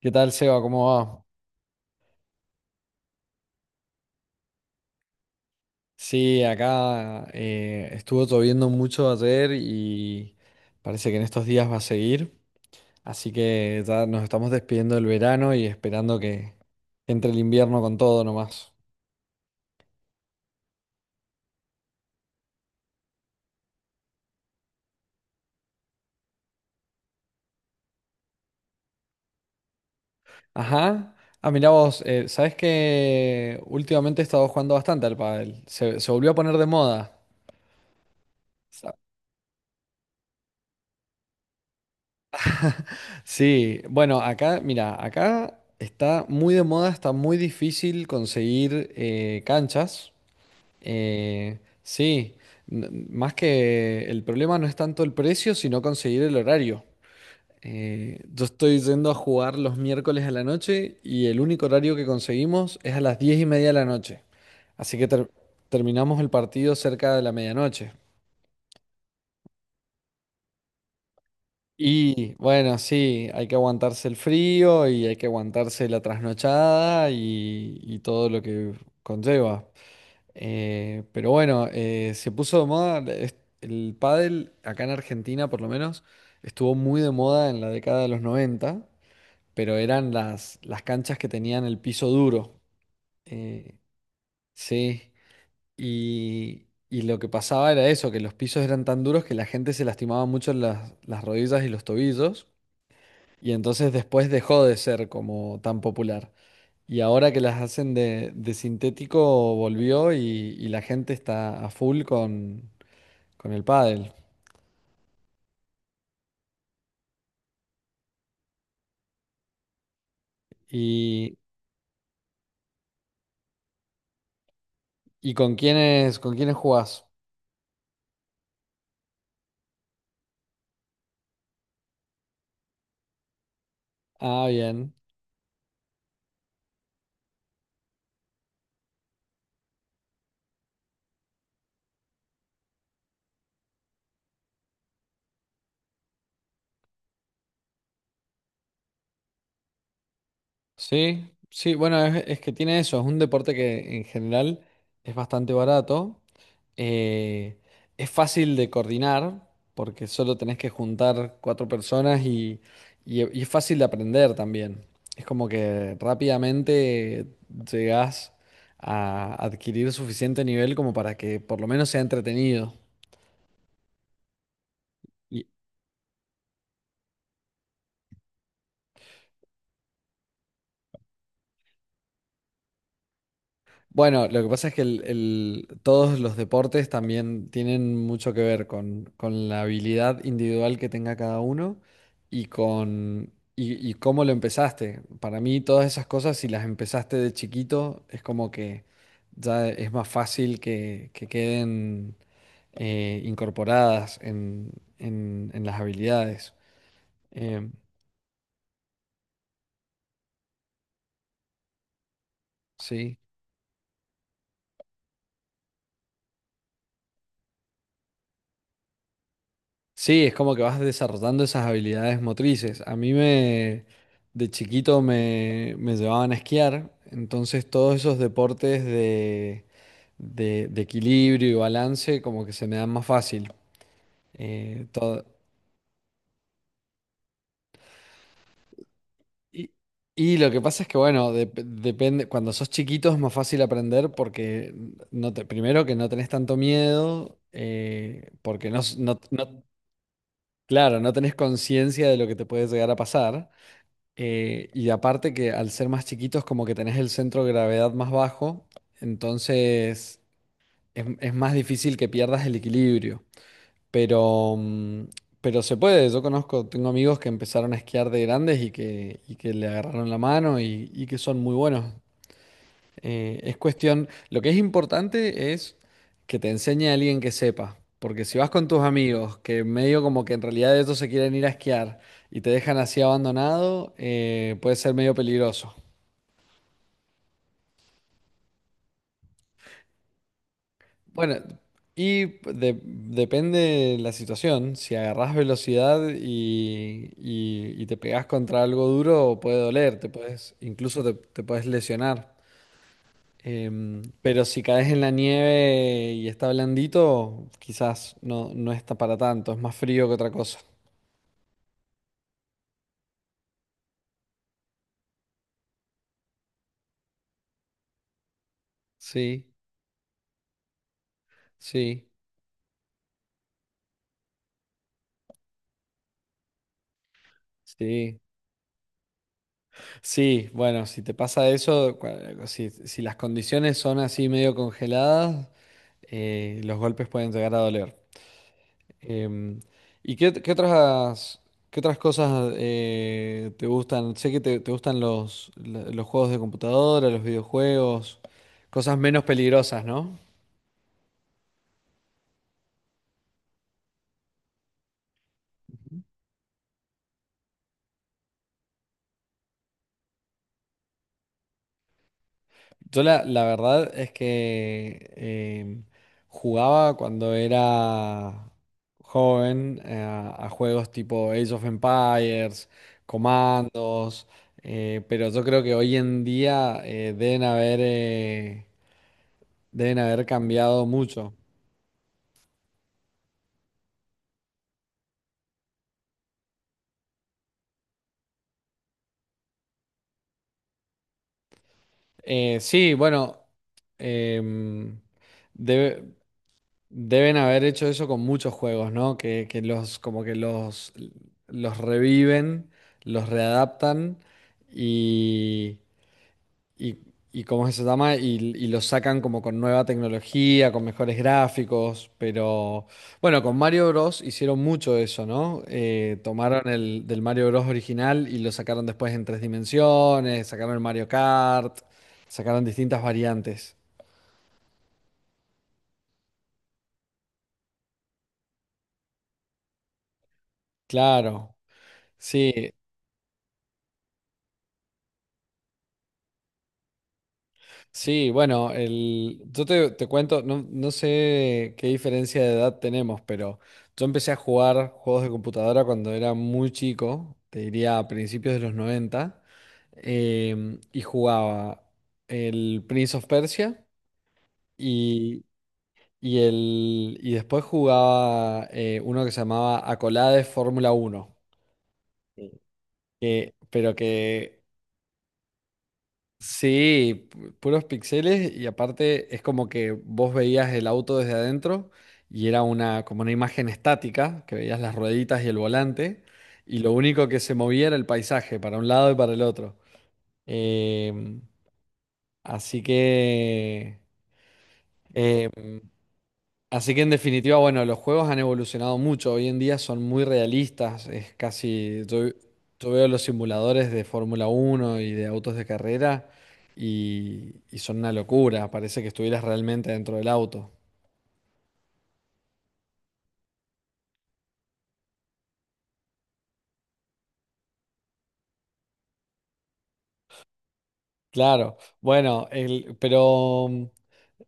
¿Qué tal, Seba? ¿Cómo va? Sí, acá estuvo lloviendo mucho ayer y parece que en estos días va a seguir. Así que ya nos estamos despidiendo del verano y esperando que entre el invierno con todo nomás. Ajá. Ah, mirá vos, ¿sabés que últimamente he estado jugando bastante al pádel? Se volvió a poner de moda. Sí, bueno, acá, mira, acá está muy de moda, está muy difícil conseguir canchas. Sí, más que el problema no es tanto el precio, sino conseguir el horario. Yo estoy yendo a jugar los miércoles a la noche y el único horario que conseguimos es a las diez y media de la noche. Así que terminamos el partido cerca de la medianoche. Y bueno, sí, hay que aguantarse el frío y hay que aguantarse la trasnochada y todo lo que conlleva. Pero bueno, se puso de moda, el pádel acá en Argentina por lo menos estuvo muy de moda en la década de los 90 pero eran las canchas que tenían el piso duro. Eh, sí, y lo que pasaba era eso, que los pisos eran tan duros que la gente se lastimaba mucho las rodillas y los tobillos, y entonces después dejó de ser como tan popular. Y ahora que las hacen de sintético, volvió y la gente está a full con el pádel. ¿Y, y con quiénes jugás? Ah, bien. Sí, sí, bueno, es que tiene eso, es un deporte que en general es bastante barato. Eh, es fácil de coordinar porque solo tenés que juntar cuatro personas y es fácil de aprender también. Es como que rápidamente llegás a adquirir suficiente nivel como para que por lo menos sea entretenido. Bueno, lo que pasa es que todos los deportes también tienen mucho que ver con la habilidad individual que tenga cada uno y con y cómo lo empezaste. Para mí, todas esas cosas, si las empezaste de chiquito, es como que ya es más fácil que queden incorporadas en las habilidades. Em, sí. Sí, es como que vas desarrollando esas habilidades motrices. A mí me, de chiquito me, me llevaban a esquiar, entonces todos esos deportes de equilibrio y balance como que se me dan más fácil. Todo. Y, y lo que pasa es que, bueno, depende, cuando sos chiquito es más fácil aprender porque no te, primero que no tenés tanto miedo, porque no, no, claro, no tenés conciencia de lo que te puede llegar a pasar. Y aparte que al ser más chiquitos como que tenés el centro de gravedad más bajo, entonces es más difícil que pierdas el equilibrio. Pero, pero se puede, yo conozco, tengo amigos que empezaron a esquiar de grandes y que le agarraron la mano y que son muy buenos. Es cuestión, lo que es importante es que te enseñe a alguien que sepa, porque si vas con tus amigos, que medio como que en realidad ellos se quieren ir a esquiar y te dejan así abandonado, puede ser medio peligroso. Bueno, y depende de la situación, si agarrás velocidad y te pegás contra algo duro, puede doler, te puedes, incluso te, te puedes lesionar. Pero si caes en la nieve y está blandito, quizás no, no está para tanto, es más frío que otra cosa. Sí, sí, sí. Sí, bueno, si te pasa eso, si, si las condiciones son así medio congeladas, los golpes pueden llegar a doler. Em, ¿Y qué, qué otras cosas te gustan? Sé que te gustan los, los juegos de computadora, los videojuegos, cosas menos peligrosas, ¿no? Yo la, la verdad es que jugaba cuando era joven a juegos tipo Age of Empires, Comandos, pero yo creo que hoy en día deben haber cambiado mucho. Sí, bueno, em, debe- deben haber hecho eso con muchos juegos, ¿no? Que los como que los reviven, los readaptan y, y, y ¿cómo se llama? Y los sacan como con nueva tecnología, con mejores gráficos, pero bueno, con Mario Bros. Hicieron mucho eso, ¿no? Tomaron el del Mario Bros. Original y lo sacaron después en tres dimensiones, sacaron el Mario Kart, sacaron distintas variantes. Claro. Sí, sí, bueno, el, yo te, te cuento, no, no sé qué diferencia de edad tenemos, pero yo empecé a jugar juegos de computadora cuando era muy chico, te diría a principios de los 90, y jugaba el Prince of Persia y, y después jugaba uno que se llamaba Acolades Fórmula Uno, que, pero que sí, puros píxeles y aparte es como que vos veías el auto desde adentro y era una como una imagen estática, que veías las rueditas y el volante y lo único que se movía era el paisaje para un lado y para el otro. Em, así que eh, así que en definitiva, bueno, los juegos han evolucionado mucho. Hoy en día son muy realistas. Es casi, yo veo los simuladores de Fórmula Uno y de autos de carrera y son una locura. Parece que estuvieras realmente dentro del auto. Claro, bueno, pero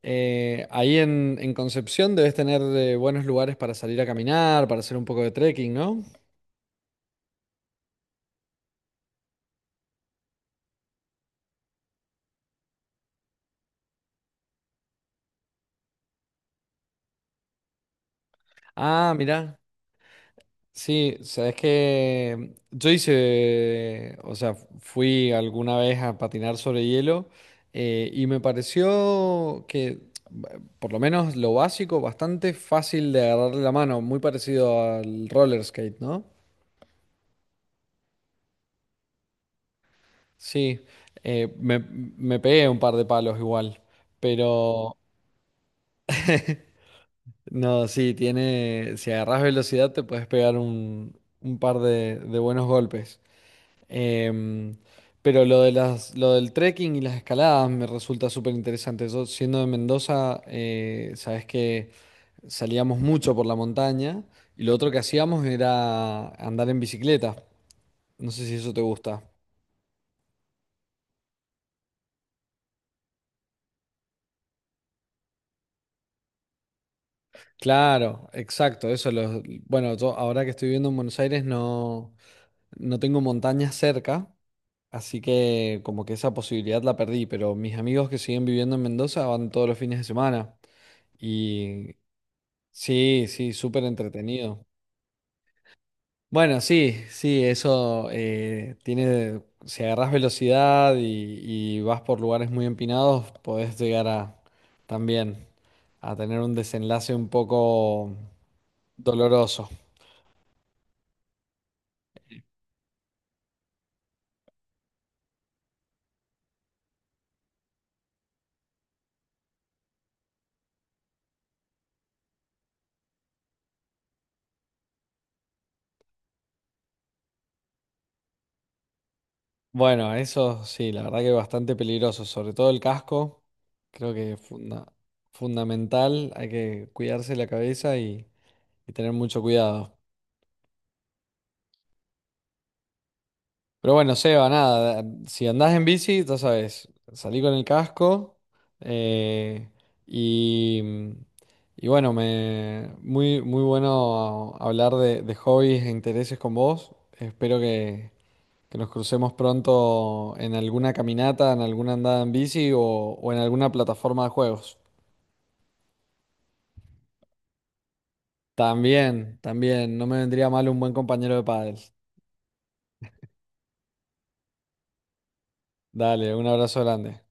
ahí en Concepción debes tener buenos lugares para salir a caminar, para hacer un poco de trekking, ¿no? Ah, mirá. Sí, sabes que yo hice, o sea, fui alguna vez a patinar sobre hielo y me pareció que, por lo menos lo básico, bastante fácil de agarrarle la mano, muy parecido al roller skate, ¿no? Sí, me, me pegué un par de palos igual, pero no, sí, tiene, si agarras velocidad te puedes pegar un par de buenos golpes. Em, pero lo de las, lo del trekking y las escaladas me resulta súper interesante. Yo, siendo de Mendoza, sabes que salíamos mucho por la montaña y lo otro que hacíamos era andar en bicicleta. No sé si eso te gusta. Claro, exacto, eso los, bueno, yo ahora que estoy viviendo en Buenos Aires no, no tengo montañas cerca, así que como que esa posibilidad la perdí, pero mis amigos que siguen viviendo en Mendoza van todos los fines de semana. Y sí, sí, súper entretenido. Bueno, sí, sí, eso tiene, si agarrás velocidad y vas por lugares muy empinados, podés llegar a también a tener un desenlace un poco doloroso. Bueno, eso sí, la verdad que es bastante peligroso, sobre todo el casco, creo que es fundamental, hay que cuidarse la cabeza y tener mucho cuidado. Pero bueno, Seba, nada, si andás en bici, ya sabes, salí con el casco eh, y, y bueno, me, muy, muy bueno hablar de hobbies e intereses con vos. Espero que nos crucemos pronto en alguna caminata, en alguna andada en bici o en alguna plataforma de juegos. También, también, no me vendría mal un buen compañero de pádel. Dale, un abrazo grande.